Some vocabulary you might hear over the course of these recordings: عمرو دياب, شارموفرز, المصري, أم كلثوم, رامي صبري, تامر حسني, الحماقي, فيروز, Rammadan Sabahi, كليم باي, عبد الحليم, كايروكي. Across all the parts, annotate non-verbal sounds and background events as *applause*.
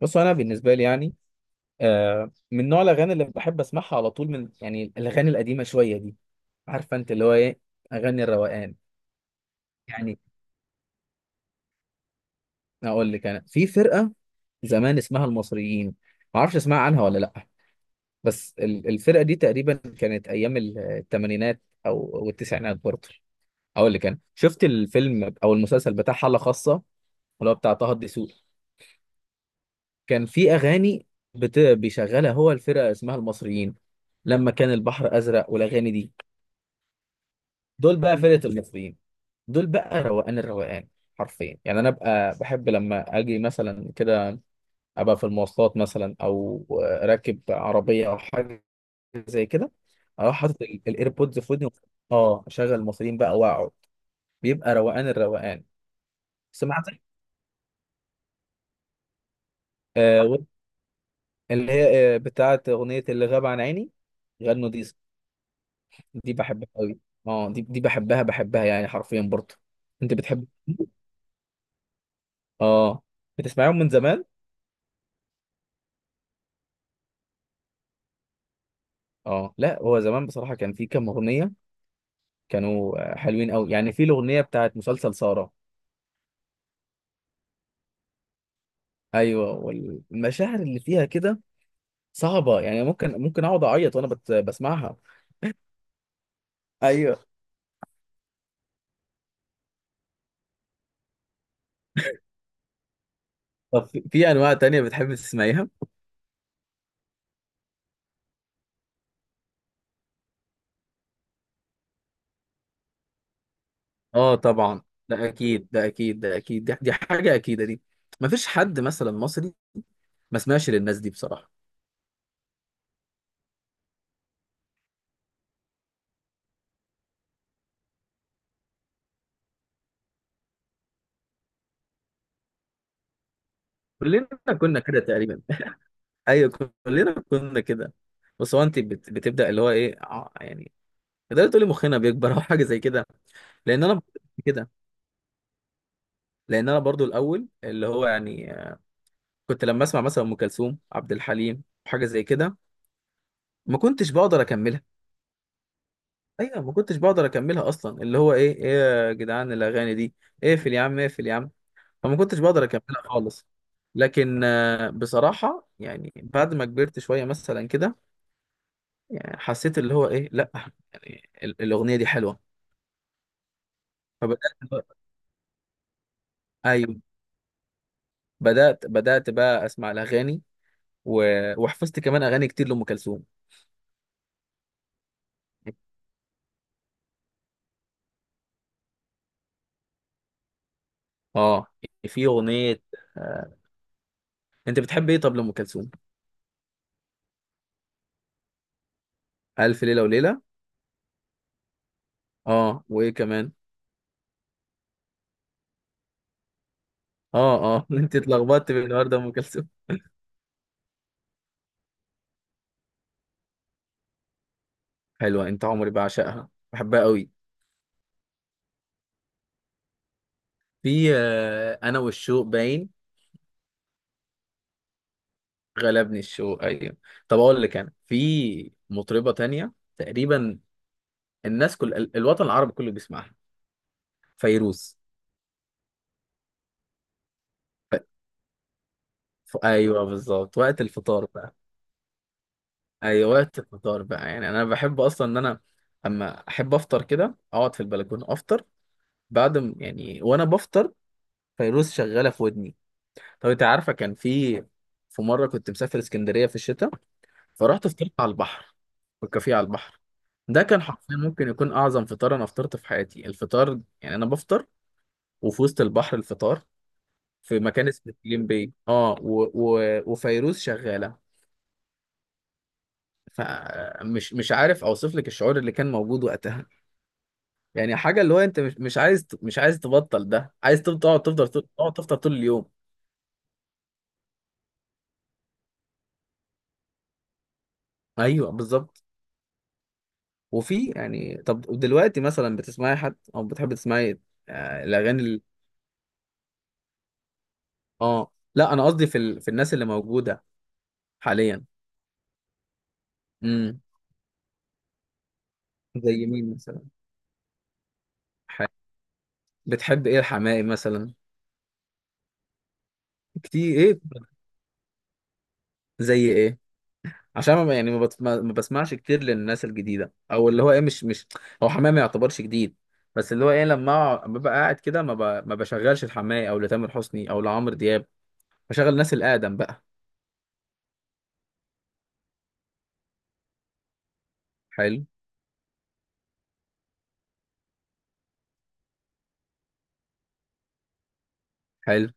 بص، انا بالنسبه لي يعني من نوع الاغاني اللي بحب اسمعها على طول. من يعني الاغاني القديمه شويه دي. عارفه انت اللي هو ايه؟ اغاني الروقان. يعني اقول لك انا في فرقه زمان اسمها المصريين، ما اعرفش اسمع عنها ولا لا. بس الفرقه دي تقريبا كانت ايام الثمانينات أو التسعينات برضه. اقول لك انا شفت الفيلم او المسلسل بتاع حاله خاصه، اللي هو بتاع طه الدسوقي. كان في اغاني بيشغلها هو، الفرقه اسمها المصريين. لما كان البحر ازرق والاغاني دي، دول بقى فرقة المصريين، دول بقى روقان الروقان. حرفيا يعني انا ابقى بحب لما اجي مثلا كده، ابقى في المواصلات مثلا او راكب عربية او حاجة زي كده، اروح حاطط الايربودز في ودني. اه، اشغل المصريين بقى واقعد، بيبقى روقان الروقان. سمعت. آه، اللي هي بتاعت اغنية اللي غاب عن عيني، غنوا دي. دي بحبها قوي. اه، دي بحبها، يعني حرفيا برضه. انت بتحب. اه. بتسمعيهم من زمان؟ اه لا، هو زمان بصراحة كان في كام أغنية كانوا حلوين قوي، يعني في الأغنية بتاعت مسلسل سارة. أيوة، والمشاعر اللي فيها كده صعبة، يعني ممكن أقعد أعيط وأنا بسمعها. أيوه. طب في أنواع تانية بتحب تسمعيها؟ اه طبعا، ده أكيد ده أكيد ده أكيد، دي حاجة أكيدة دي. مفيش حد مثلا مصري ما سمعش للناس دي بصراحة. كلنا كنا كده تقريبا. *laughs* أيوة، كلنا كنا كده. بس هو أنت بتبدأ اللي هو إيه، يعني تقدري تقولي مخنا بيكبر أو حاجة زي كده. لان انا كده، لان انا برضو الاول اللي هو يعني كنت لما اسمع مثلا ام كلثوم، عبد الحليم، حاجه زي كده، ما كنتش بقدر اكملها. ايوه، ما كنتش بقدر اكملها اصلا، اللي هو ايه، ايه يا جدعان الاغاني دي؟ اقفل يا عم، اقفل يا عم. فما كنتش بقدر اكملها خالص. لكن بصراحه يعني بعد ما كبرت شويه مثلا كده، يعني حسيت اللي هو ايه. لا، يعني الاغنيه دي حلوه. فبدات. ايوه، بدات بقى اسمع الاغاني، و... وحفظت كمان اغاني كتير لام كلثوم. اه، في اغنيه. آه. انت بتحب ايه طب لام كلثوم؟ الف ليله وليله. اه، وايه كمان؟ اه اه. *laughs* انت اتلخبطت بين النهارده ام كلثوم. حلوه، انت عمري بعشقها بحبها قوي. في انا والشوق باين. غلبني الشوق، ايوه. طب اقول لك انا في مطربه تانية تقريبا الناس كل الوطن العربي كله بيسمعها: فيروز. ف... ايوه بالظبط وقت الفطار بقى. ايوه وقت الفطار بقى يعني انا بحب اصلا ان انا اما احب افطر كده، اقعد في البلكونه افطر. بعد يعني وانا بفطر فيروز شغاله في ودني. طب انت عارفه، كان في مره كنت مسافر اسكندريه في الشتاء، فرحت فطرت على البحر، في الكافيه على البحر. ده كان حرفيا ممكن يكون اعظم فطار انا فطرت في حياتي. الفطار يعني انا بفطر وفي وسط البحر الفطار، في مكان اسمه كليم باي. اه، وفيروز شغاله. فمش مش عارف اوصف لك الشعور اللي كان موجود وقتها. يعني حاجه، اللي هو انت مش عايز تبطل ده، عايز تقعد تفضل طول اليوم. ايوه بالظبط. وفي يعني، طب دلوقتي مثلا بتسمعي حد او بتحبي تسمعي الاغاني اه لا، انا قصدي في في الناس اللي موجوده حاليا. امم. زي مين مثلا؟ ح... بتحب ايه الحماقي مثلا؟ كتير ايه؟ زي ايه؟ عشان ما يعني ما, بت... ما ما بسمعش كتير للناس الجديده او اللي هو ايه، مش هو حماقي ما يعتبرش جديد. بس اللي هو ايه لما ببقى قاعد كده ما, ب... ما بشغلش الحماقي او لتامر حسني او لعمرو دياب، بشغل الناس الاقدم بقى. حلو حلو.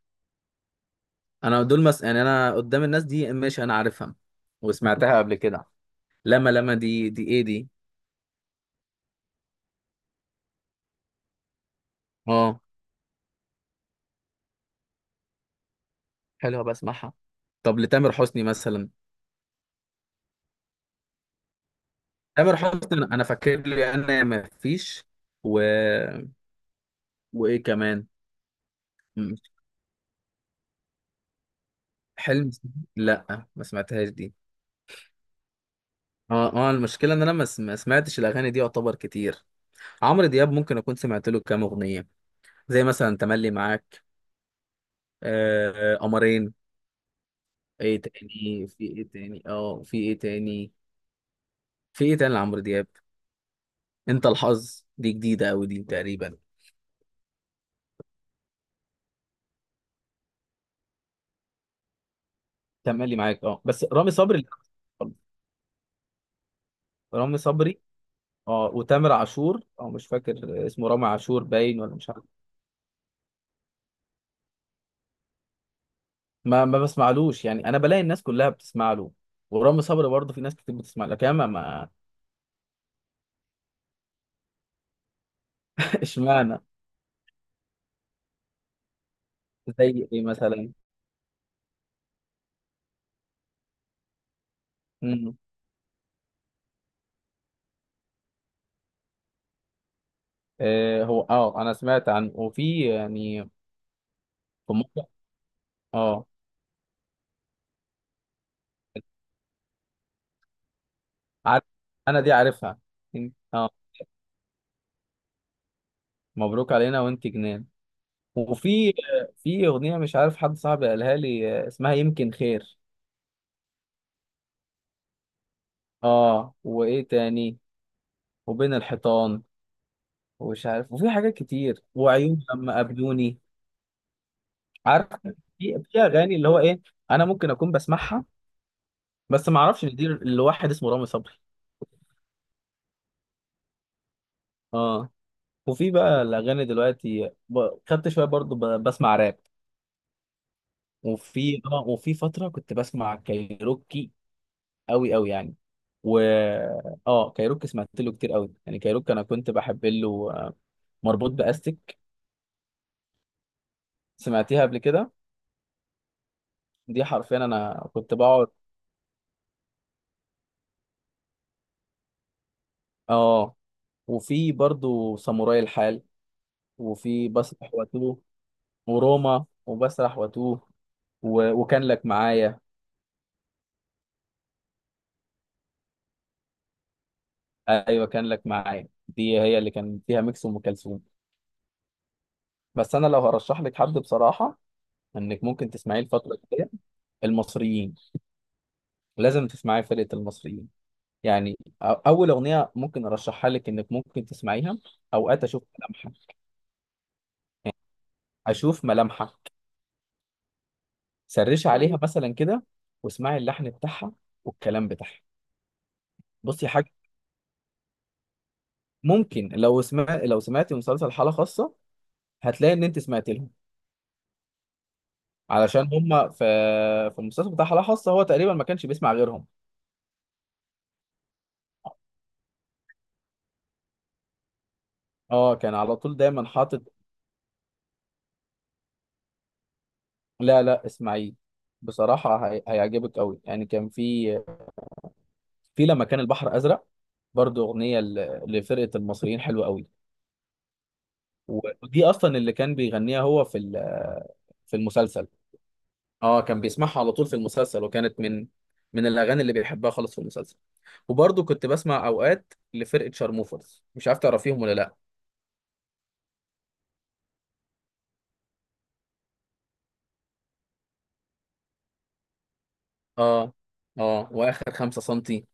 انا دول يعني انا قدام الناس دي ماشي، انا عارفها وسمعتها قبل كده. لما دي ايه دي؟ اه حلوه، بسمعها. طب لتامر حسني مثلا؟ تامر حسني انا فاكر لي انا ما فيش. و... وايه كمان؟ م- حلم؟ لا، ما سمعتهاش دي. اه اه، المشكله ان انا ما سمعتش الاغاني دي يعتبر كتير. عمرو دياب ممكن اكون سمعت له كام اغنيه زي مثلا تملي معاك، آه، قمرين. ايه تاني؟ اه في ايه تاني لعمرو دياب؟ انت الحظ دي جديده قوي دي تقريبا. تملي معاك، اه. بس رامي صبري. لا. رامي صبري، اه. وتامر عاشور. اه، مش فاكر اسمه رامي عاشور باين ولا مش عارف. ما ما بسمعلوش، يعني انا بلاقي الناس كلها بتسمع له، ورامي صبري برضه في ناس كتير بتسمع له كمان ما. *laughs* اشمعنى؟ زي ايه مثلا؟ مم. آه، هو، اه، انا سمعت عنه وفي يعني في مره. اه، عارف، انا دي عارفها. اه، مبروك علينا وانت جنان. وفي اغنيه مش عارف، حد صاحبي قالها لي اسمها يمكن خير. اه، وايه تاني؟ وبين الحيطان، ومش عارف، وفي حاجات كتير، وعيون لما قابلوني. عارف، في اغاني اللي هو ايه انا ممكن اكون بسمعها بس ما اعرفش ان دي لواحد اسمه رامي صبري. اه. وفي بقى الاغاني دلوقتي خدت شويه برضو بسمع راب. وفي، اه، وفي فتره كنت بسمع كايروكي قوي قوي يعني. و، اه، كايروكي سمعت له كتير قوي يعني. كايروكي انا كنت بحب له مربوط باستك. سمعتيها قبل كده؟ دي حرفيا انا كنت بقعد. اه، وفي برضو ساموراي الحال، وفي بسرح واتوه، وروما، وبسرح واتوه، وكان لك معايا. ايوه، كان لك معايا دي هي اللي كان فيها ميكس ام كلثوم. بس انا لو هرشح لك حد بصراحه انك ممكن تسمعيه الفتره الجايه: المصريين. لازم تسمعي فرقه المصريين. يعني اول اغنيه ممكن ارشحها لك انك ممكن تسمعيها: اوقات اشوف ملامحك. اشوف ملامحك. سرشي عليها مثلا كده، واسمعي اللحن بتاعها والكلام بتاعها. بصي حاجه، ممكن لو لو سمعتي مسلسل حاله خاصه هتلاقي ان انت سمعت لهم. علشان هم في المسلسل بتاع حاله خاصه هو تقريبا ما كانش بيسمع غيرهم. اه، كان على طول دايما حاطط. لا لا، اسمعيه، بصراحه هيعجبك قوي. يعني كان في لما كان البحر ازرق برضو، اغنيه لفرقه المصريين حلوه قوي. ودي اصلا اللي كان بيغنيها هو في في المسلسل. اه، كان بيسمعها على طول في المسلسل، وكانت من الاغاني اللي بيحبها خالص في المسلسل. وبرضو كنت بسمع اوقات لفرقه شارموفرز، مش عارف تعرفيهم ولا لا. اه اه. واخر 5 سنتي.